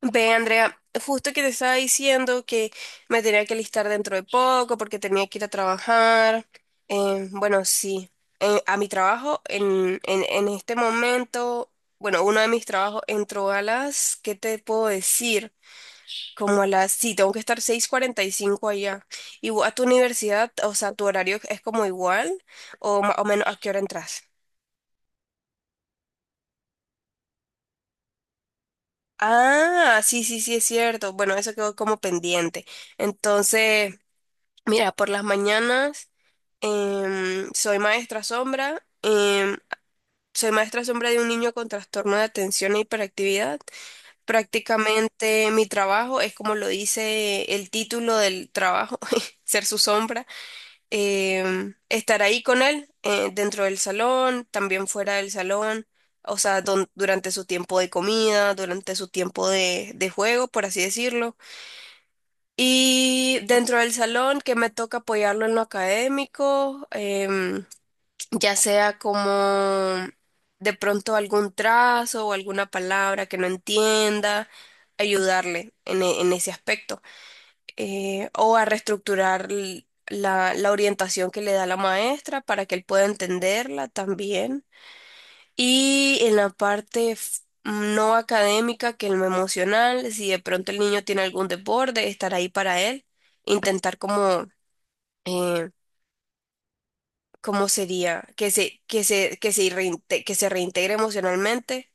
Ve, Andrea, justo que te estaba diciendo que me tenía que listar dentro de poco porque tenía que ir a trabajar. Bueno, sí, a mi trabajo en este momento, bueno, uno de mis trabajos entró a las, ¿qué te puedo decir? Como a las, sí, tengo que estar 6:45 allá. ¿Y vos a tu universidad, o sea, tu horario es como igual o más o menos a qué hora entras? Ah, sí, sí, sí, es cierto. Bueno, eso quedó como pendiente. Entonces... Mira, por las mañanas soy maestra sombra. Soy maestra sombra de un niño con trastorno de atención e hiperactividad. Prácticamente mi trabajo es como lo dice el título del trabajo, ser su sombra. Estar ahí con él dentro del salón, también fuera del salón. O sea, durante su tiempo de comida, durante su tiempo de juego, por así decirlo, y dentro del salón, que me toca apoyarlo en lo académico, ya sea como de pronto algún trazo o alguna palabra que no entienda, ayudarle en ese aspecto. O a reestructurar la orientación que le da la maestra para que él pueda entenderla también. Y en la parte no académica, que es lo emocional, si de pronto el niño tiene algún desborde, estar ahí para él, intentar como, eh, ¿cómo sería? Que se reintegre emocionalmente,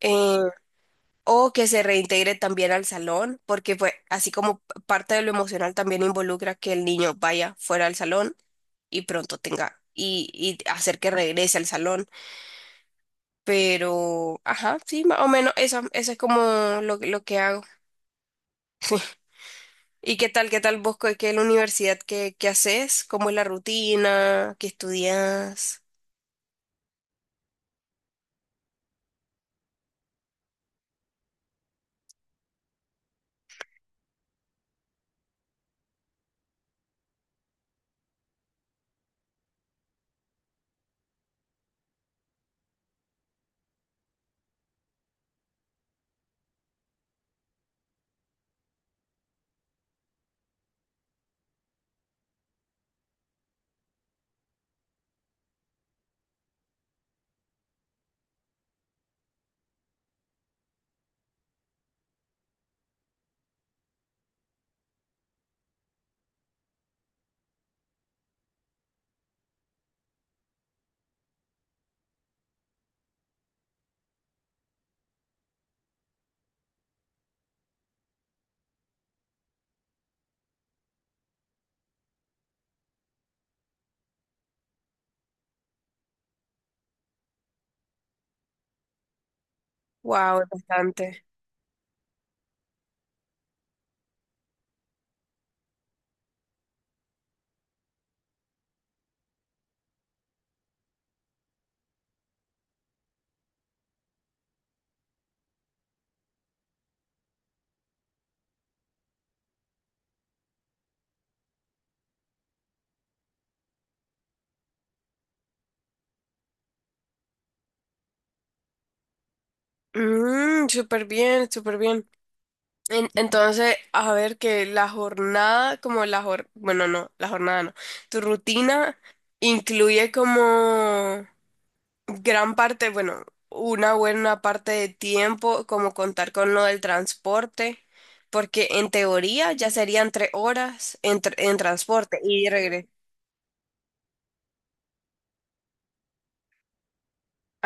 eh, o que se reintegre también al salón, porque pues así como parte de lo emocional también involucra que el niño vaya fuera al salón y pronto tenga, y hacer que regrese al salón. Pero, ajá, sí, más o menos eso, eso es como lo que hago. ¿Y qué tal vos, qué es la universidad, qué haces? ¿Cómo es la rutina? ¿Qué estudias? Wow, es bastante. Mm, súper bien, súper bien. Entonces, a ver que la jornada, como bueno, no, la jornada no. Tu rutina incluye como gran parte, bueno, una buena parte de tiempo, como contar con lo del transporte, porque en teoría ya serían 3 horas en transporte y regreso.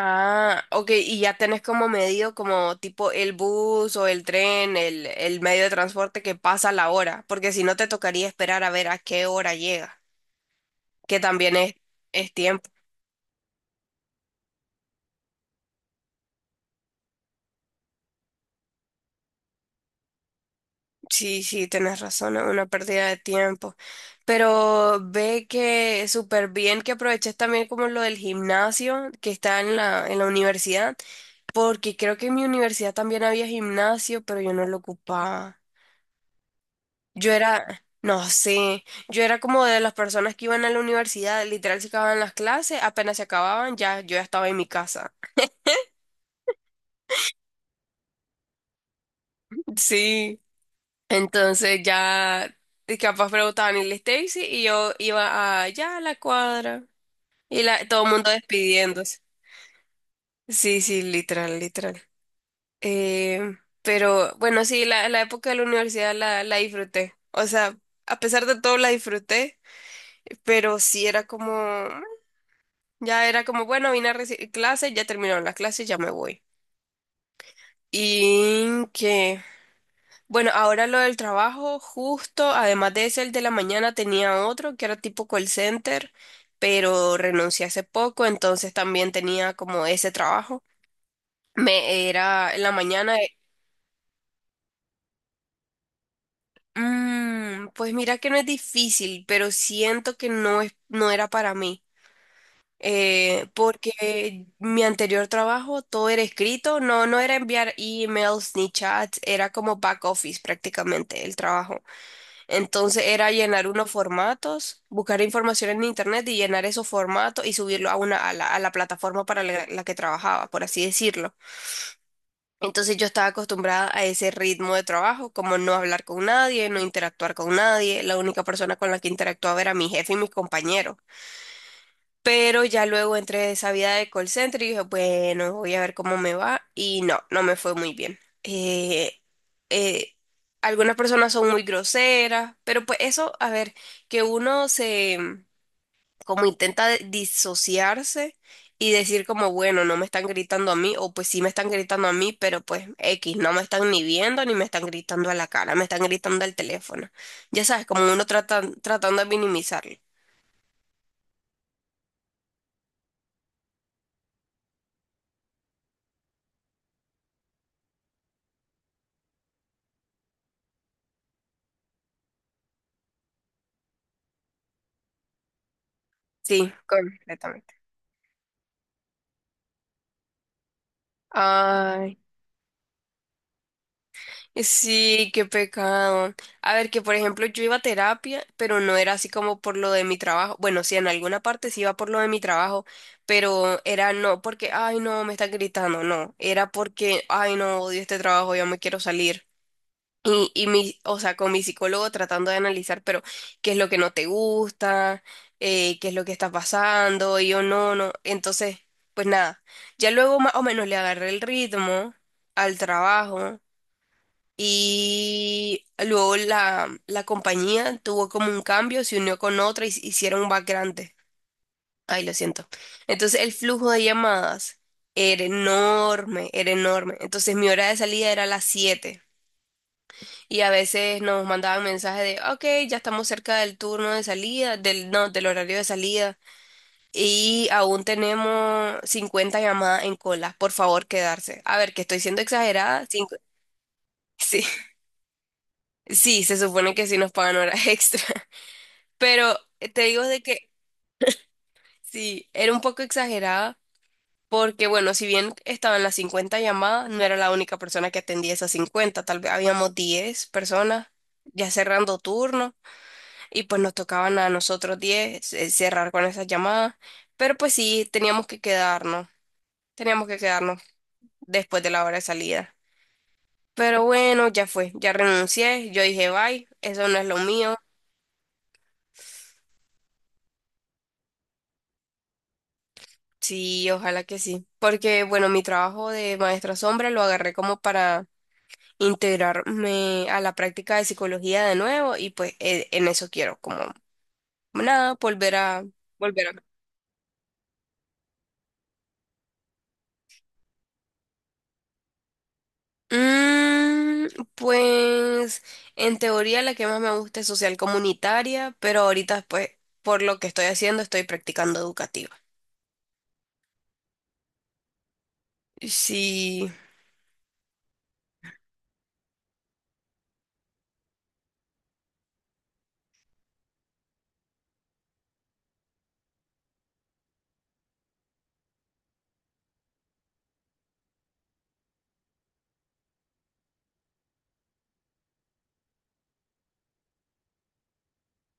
Ah, ok, y ya tenés como medido como tipo el bus o el tren, el medio de transporte que pasa la hora, porque si no te tocaría esperar a ver a qué hora llega, que también es tiempo. Sí, sí, tienes razón, es una pérdida de tiempo. Pero ve que súper bien que aproveches también como lo del gimnasio que está en en la universidad, porque creo que en mi universidad también había gimnasio, pero yo no lo ocupaba. Yo era, no sé, yo era como de las personas que iban a la universidad, literal se acababan las clases, apenas se acababan, ya yo ya estaba en mi casa. Sí, entonces ya... Y capaz preguntaban, ¿y la Stacy? Y yo iba a, ya a la cuadra. Y la, todo el mundo despidiéndose. Sí, sí, literal, literal. Eh, pero bueno, sí, la época de la universidad la disfruté. O sea, a pesar de todo la disfruté, pero sí era como, ya era como, bueno, vine a recibir clases, ya terminaron las clases, ya me voy. Y que, bueno, ahora lo del trabajo, justo, además de ese, el de la mañana tenía otro que era tipo call center, pero renuncié hace poco, entonces también tenía como ese trabajo. Me era en la mañana. "Mm, pues mira que no es difícil, pero siento que no es, no era para mí. Porque mi anterior trabajo todo era escrito, no, no era enviar emails ni chats, era como back office prácticamente el trabajo. Entonces era llenar unos formatos, buscar información en internet y llenar esos formatos y subirlo a una, a la plataforma para la que trabajaba, por así decirlo. Entonces yo estaba acostumbrada a ese ritmo de trabajo, como no hablar con nadie, no interactuar con nadie. La única persona con la que interactuaba era mi jefe y mis compañeros. Pero ya luego entré a esa vida de call center y dije, bueno, voy a ver cómo me va. Y no, no me fue muy bien. Eh, eh, Algunas personas son muy groseras, pero pues eso, a ver, que uno se como intenta disociarse y decir como, bueno, no me están gritando a mí, o pues sí me están gritando a mí, pero pues X, no me están ni viendo ni me están gritando a la cara, me están gritando al teléfono. Ya sabes, como uno trata, tratando de minimizarlo. Sí, completamente. Ay. Sí, qué pecado. A ver, que por ejemplo yo iba a terapia, pero no era así como por lo de mi trabajo. Bueno, sí, en alguna parte sí iba por lo de mi trabajo, pero era no porque, ay, no, me están gritando, no. Era porque, ay, no, odio este trabajo, ya me quiero salir. Y mi, o sea, con mi psicólogo tratando de analizar, pero, ¿qué es lo que no te gusta? ¿Qué es lo que está pasando? Y yo, no, no. Entonces, pues nada, ya luego más o menos le agarré el ritmo al trabajo y luego la compañía tuvo como un cambio, se unió con otra y hicieron un grande. Ay, lo siento. Entonces el flujo de llamadas era enorme, era enorme. Entonces mi hora de salida era a las 7. Y a veces nos mandaban mensajes de, ok, ya estamos cerca del turno de salida, del, no, del horario de salida. Y aún tenemos 50 llamadas en cola. Por favor, quedarse. A ver, que estoy siendo exagerada. Sí, sí, se supone que sí nos pagan horas extra. Pero te digo de que sí, era un poco exagerada porque, bueno, si bien estaban las 50 llamadas, no era la única persona que atendía esas 50, tal vez habíamos 10 personas ya cerrando turno y pues nos tocaban a nosotros 10 cerrar con esas llamadas, pero pues sí, teníamos que quedarnos después de la hora de salida. Pero bueno, ya fue, ya renuncié, yo dije, bye, eso no es lo mío. Sí, ojalá que sí. Porque, bueno, mi trabajo de maestra sombra lo agarré como para integrarme a la práctica de psicología de nuevo y pues en eso quiero, como nada, Volver a... Mm, pues en teoría la que más me gusta es social comunitaria, pero ahorita pues por lo que estoy haciendo estoy practicando educativa. Sí,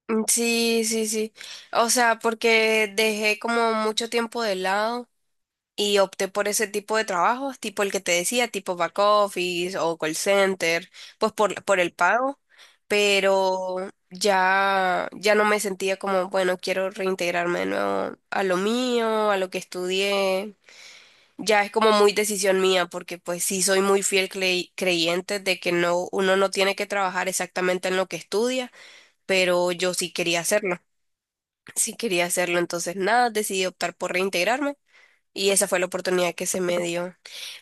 mm, sí, sí, sí. O sea, porque dejé como mucho tiempo de lado. Y opté por ese tipo de trabajos, tipo el que te decía, tipo back office o call center, pues por el pago, pero ya, ya no me sentía como, bueno, quiero reintegrarme de nuevo a lo mío, a lo que estudié. Ya es como muy decisión mía, porque pues sí soy muy fiel creyente de que no, uno no tiene que trabajar exactamente en lo que estudia, pero yo sí quería hacerlo, entonces nada, decidí optar por reintegrarme. Y esa fue la oportunidad que se me dio.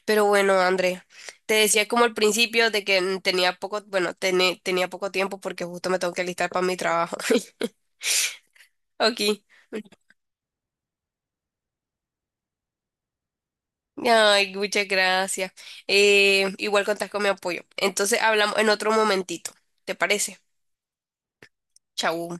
Pero bueno, André, te decía como al principio de que tenía poco, bueno, tenía poco tiempo porque justo me tengo que alistar para mi trabajo. Aquí. Ay, muchas gracias. Igual contás con mi apoyo. Entonces hablamos en otro momentito. ¿Te parece? Chau.